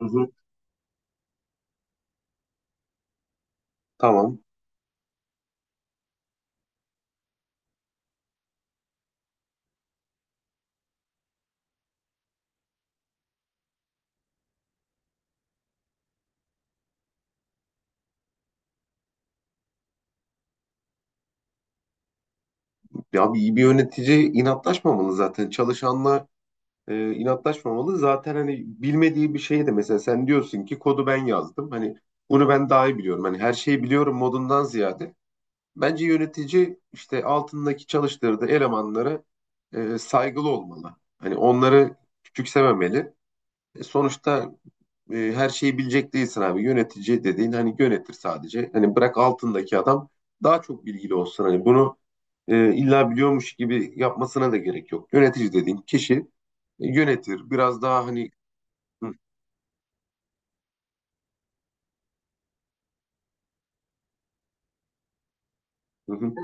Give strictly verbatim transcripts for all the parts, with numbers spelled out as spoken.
Hı hı. Tamam. Ya bir, bir yönetici inatlaşmamalı zaten. Çalışanla e, inatlaşmamalı. Zaten hani bilmediği bir şey de mesela sen diyorsun ki kodu ben yazdım. Hani bunu ben daha iyi biliyorum. Hani her şeyi biliyorum modundan ziyade. Bence yönetici işte altındaki çalıştırdığı elemanlara e, saygılı olmalı. Hani onları küçümsememeli. E, Sonuçta e, her şeyi bilecek değilsin abi. Yönetici dediğin hani yönetir sadece. Hani bırak altındaki adam daha çok bilgili olsun. Hani bunu e, illa biliyormuş gibi yapmasına da gerek yok. Yönetici dediğin kişi e, yönetir. Biraz daha hani. Hı, hı, hı,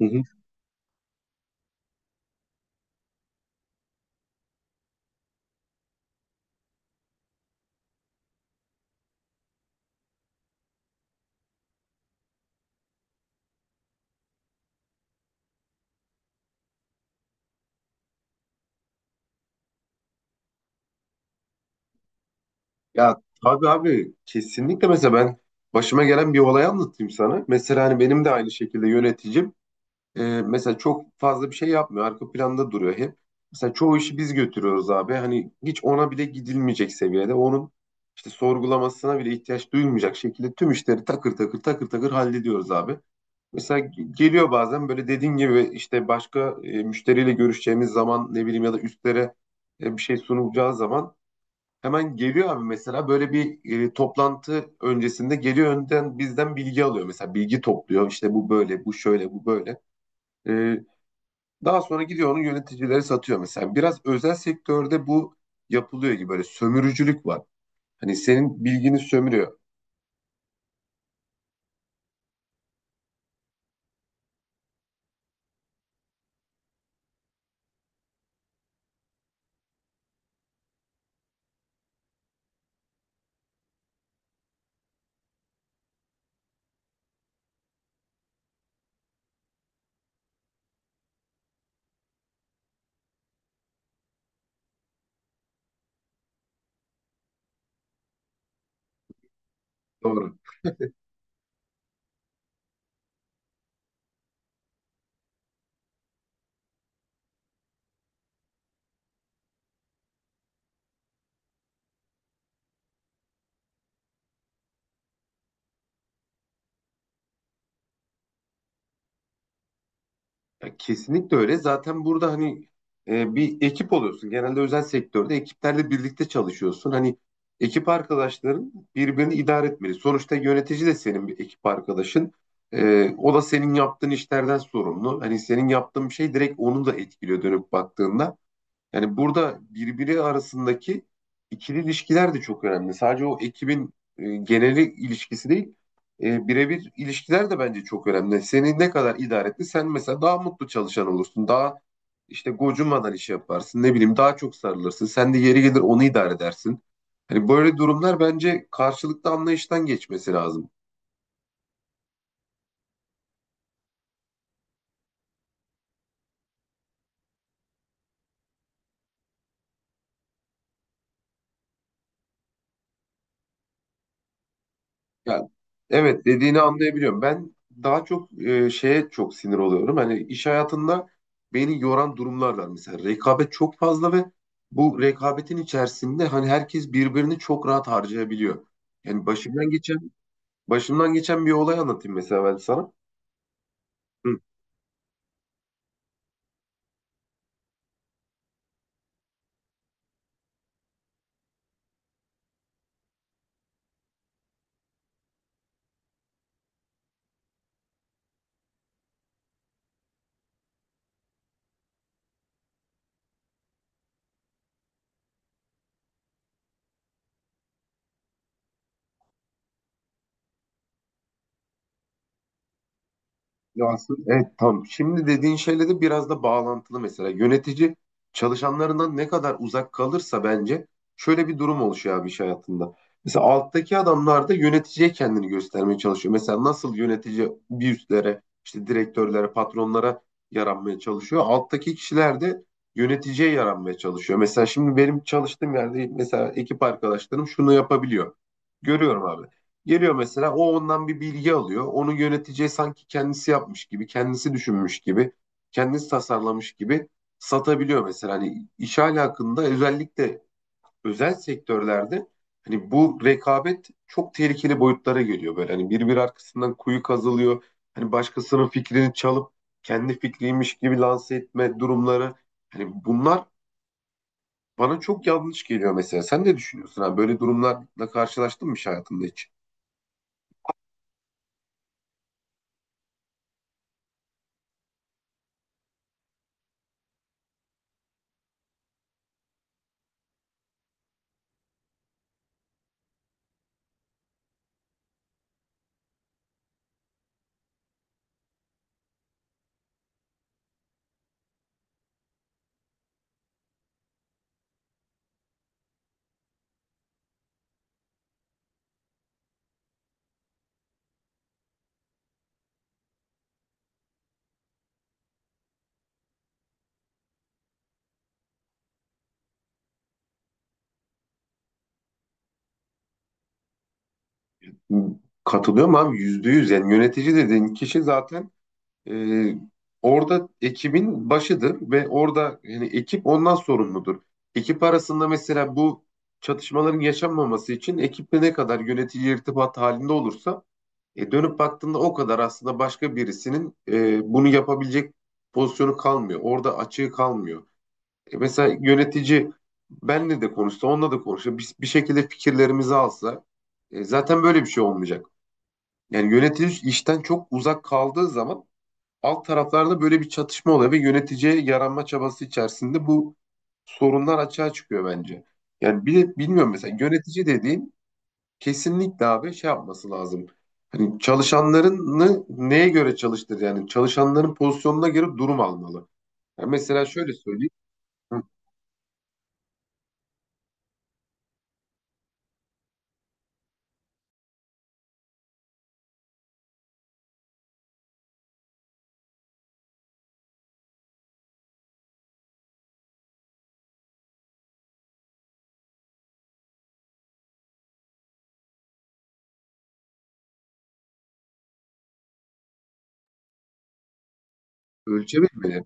hı, hı. Ya tabii abi kesinlikle mesela ben başıma gelen bir olay anlatayım sana. Mesela hani benim de aynı şekilde yöneticim e, mesela çok fazla bir şey yapmıyor. Arka planda duruyor hep. Mesela çoğu işi biz götürüyoruz abi. Hani hiç ona bile gidilmeyecek seviyede. Onun işte sorgulamasına bile ihtiyaç duyulmayacak şekilde tüm işleri takır takır takır takır hallediyoruz abi. Mesela geliyor bazen böyle dediğin gibi işte başka e, müşteriyle görüşeceğimiz zaman ne bileyim ya da üstlere e, bir şey sunulacağı zaman hemen geliyor abi mesela böyle bir e, toplantı öncesinde geliyor önden bizden bilgi alıyor. Mesela bilgi topluyor işte bu böyle bu şöyle bu böyle. E, Daha sonra gidiyor onu yöneticileri satıyor mesela. Biraz özel sektörde bu yapılıyor gibi böyle sömürücülük var. Hani senin bilgini sömürüyor. Doğru. Ya kesinlikle öyle. Zaten burada hani e, bir ekip oluyorsun. Genelde özel sektörde ekiplerle birlikte çalışıyorsun. Hani ekip arkadaşların birbirini idare etmeli. Sonuçta yönetici de senin bir ekip arkadaşın. E, o da senin yaptığın işlerden sorumlu. Hani senin yaptığın bir şey direkt onu da etkiliyor dönüp baktığında. Yani burada birbiri arasındaki ikili ilişkiler de çok önemli. Sadece o ekibin e, geneli ilişkisi değil, e, birebir ilişkiler de bence çok önemli. Seni ne kadar idare etti, sen mesela daha mutlu çalışan olursun, daha işte gocunmadan iş yaparsın, ne bileyim daha çok sarılırsın. Sen de yeri gelir onu idare edersin. Hani böyle durumlar bence karşılıklı anlayıştan geçmesi lazım. Ya, evet dediğini anlayabiliyorum. Ben daha çok e, şeye çok sinir oluyorum. Hani iş hayatında beni yoran durumlar var. Mesela rekabet çok fazla ve bu rekabetin içerisinde hani herkes birbirini çok rahat harcayabiliyor. Yani başımdan geçen başımdan geçen bir olay anlatayım mesela ben sana. Hı. Ya aslında evet tam. Şimdi dediğin şeyle de biraz da bağlantılı mesela. Yönetici çalışanlarından ne kadar uzak kalırsa bence şöyle bir durum oluşuyor abi iş hayatında. Mesela alttaki adamlar da yöneticiye kendini göstermeye çalışıyor. Mesela nasıl yönetici bir üstlere, işte direktörlere, patronlara yaranmaya çalışıyor. Alttaki kişiler de yöneticiye yaranmaya çalışıyor. Mesela şimdi benim çalıştığım yerde mesela ekip arkadaşlarım şunu yapabiliyor. Görüyorum abi. Geliyor mesela o ondan bir bilgi alıyor. Onu yöneteceği sanki kendisi yapmış gibi, kendisi düşünmüş gibi, kendisi tasarlamış gibi satabiliyor mesela. Hani iş alakında özellikle özel sektörlerde hani bu rekabet çok tehlikeli boyutlara geliyor böyle. Hani birbir arkasından kuyu kazılıyor. Hani başkasının fikrini çalıp kendi fikriymiş gibi lanse etme durumları. Hani bunlar bana çok yanlış geliyor mesela. Sen ne düşünüyorsun? Hani böyle durumlarla karşılaştın mı hiç hayatında hiç? Katılıyorum abi yüzde yüz, yani yönetici dediğin kişi zaten e, orada ekibin başıdır ve orada yani ekip ondan sorumludur. Ekip arasında mesela bu çatışmaların yaşanmaması için ekiple ne kadar yönetici irtibat halinde olursa e, dönüp baktığında o kadar aslında başka birisinin e, bunu yapabilecek pozisyonu kalmıyor. Orada açığı kalmıyor. E, mesela yönetici benle de konuşsa onunla da konuşsa bir, bir şekilde fikirlerimizi alsa e, zaten böyle bir şey olmayacak. Yani yönetici işten çok uzak kaldığı zaman alt taraflarda böyle bir çatışma oluyor ve yöneticiye yaranma çabası içerisinde bu sorunlar açığa çıkıyor bence. Yani bir de bilmiyorum mesela yönetici dediğin kesinlikle abi şey yapması lazım. Hani çalışanlarını neye göre çalıştır, yani çalışanların pozisyonuna göre durum almalı. Yani mesela şöyle söyleyeyim. Hı. Ölçebilmeli.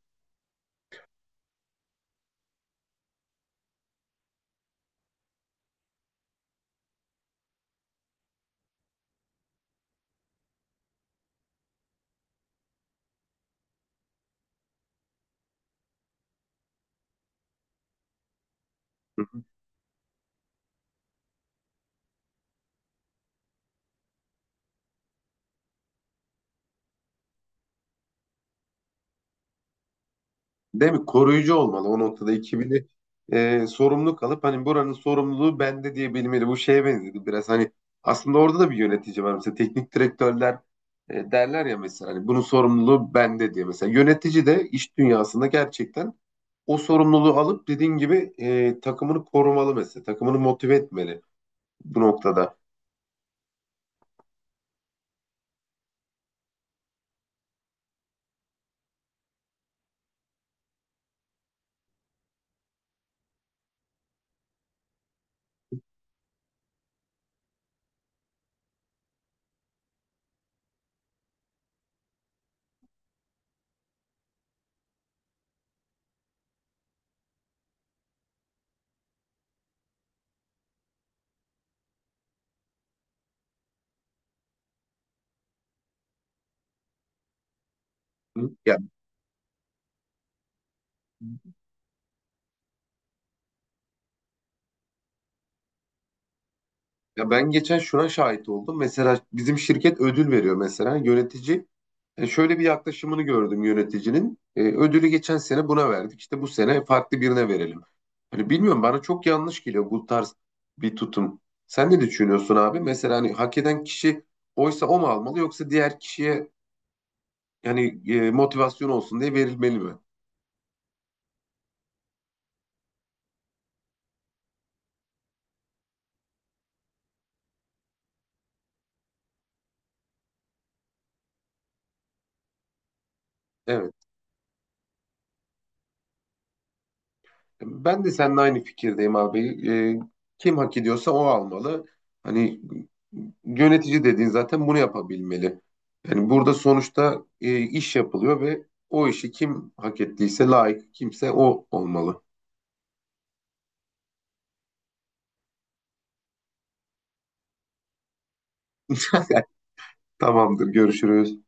Değil mi? Koruyucu olmalı o noktada ekibini, e, sorumluluk alıp hani buranın sorumluluğu bende diye bilmeli. Bu şeye benzedi biraz hani, aslında orada da bir yönetici var. Mesela teknik direktörler e, derler ya mesela hani bunun sorumluluğu bende diye. Mesela yönetici de iş dünyasında gerçekten o sorumluluğu alıp dediğin gibi e, takımını korumalı mesela. Takımını motive etmeli bu noktada. Hı? Yani. Ya ben geçen şuna şahit oldum. Mesela bizim şirket ödül veriyor mesela yönetici. E, şöyle bir yaklaşımını gördüm yöneticinin. E, ödülü geçen sene buna verdik. İşte bu sene farklı birine verelim. Hani bilmiyorum bana çok yanlış geliyor bu tarz bir tutum. Sen ne düşünüyorsun abi? Mesela hani hak eden kişi oysa o mu almalı, yoksa diğer kişiye yani e, motivasyon olsun diye verilmeli mi? Evet. Ben de seninle aynı fikirdeyim abi. Ee, kim hak ediyorsa o almalı. Hani yönetici dediğin zaten bunu yapabilmeli. Yani burada sonuçta e, iş yapılıyor ve o işi kim hak ettiyse layık kimse o olmalı. Tamamdır, görüşürüz.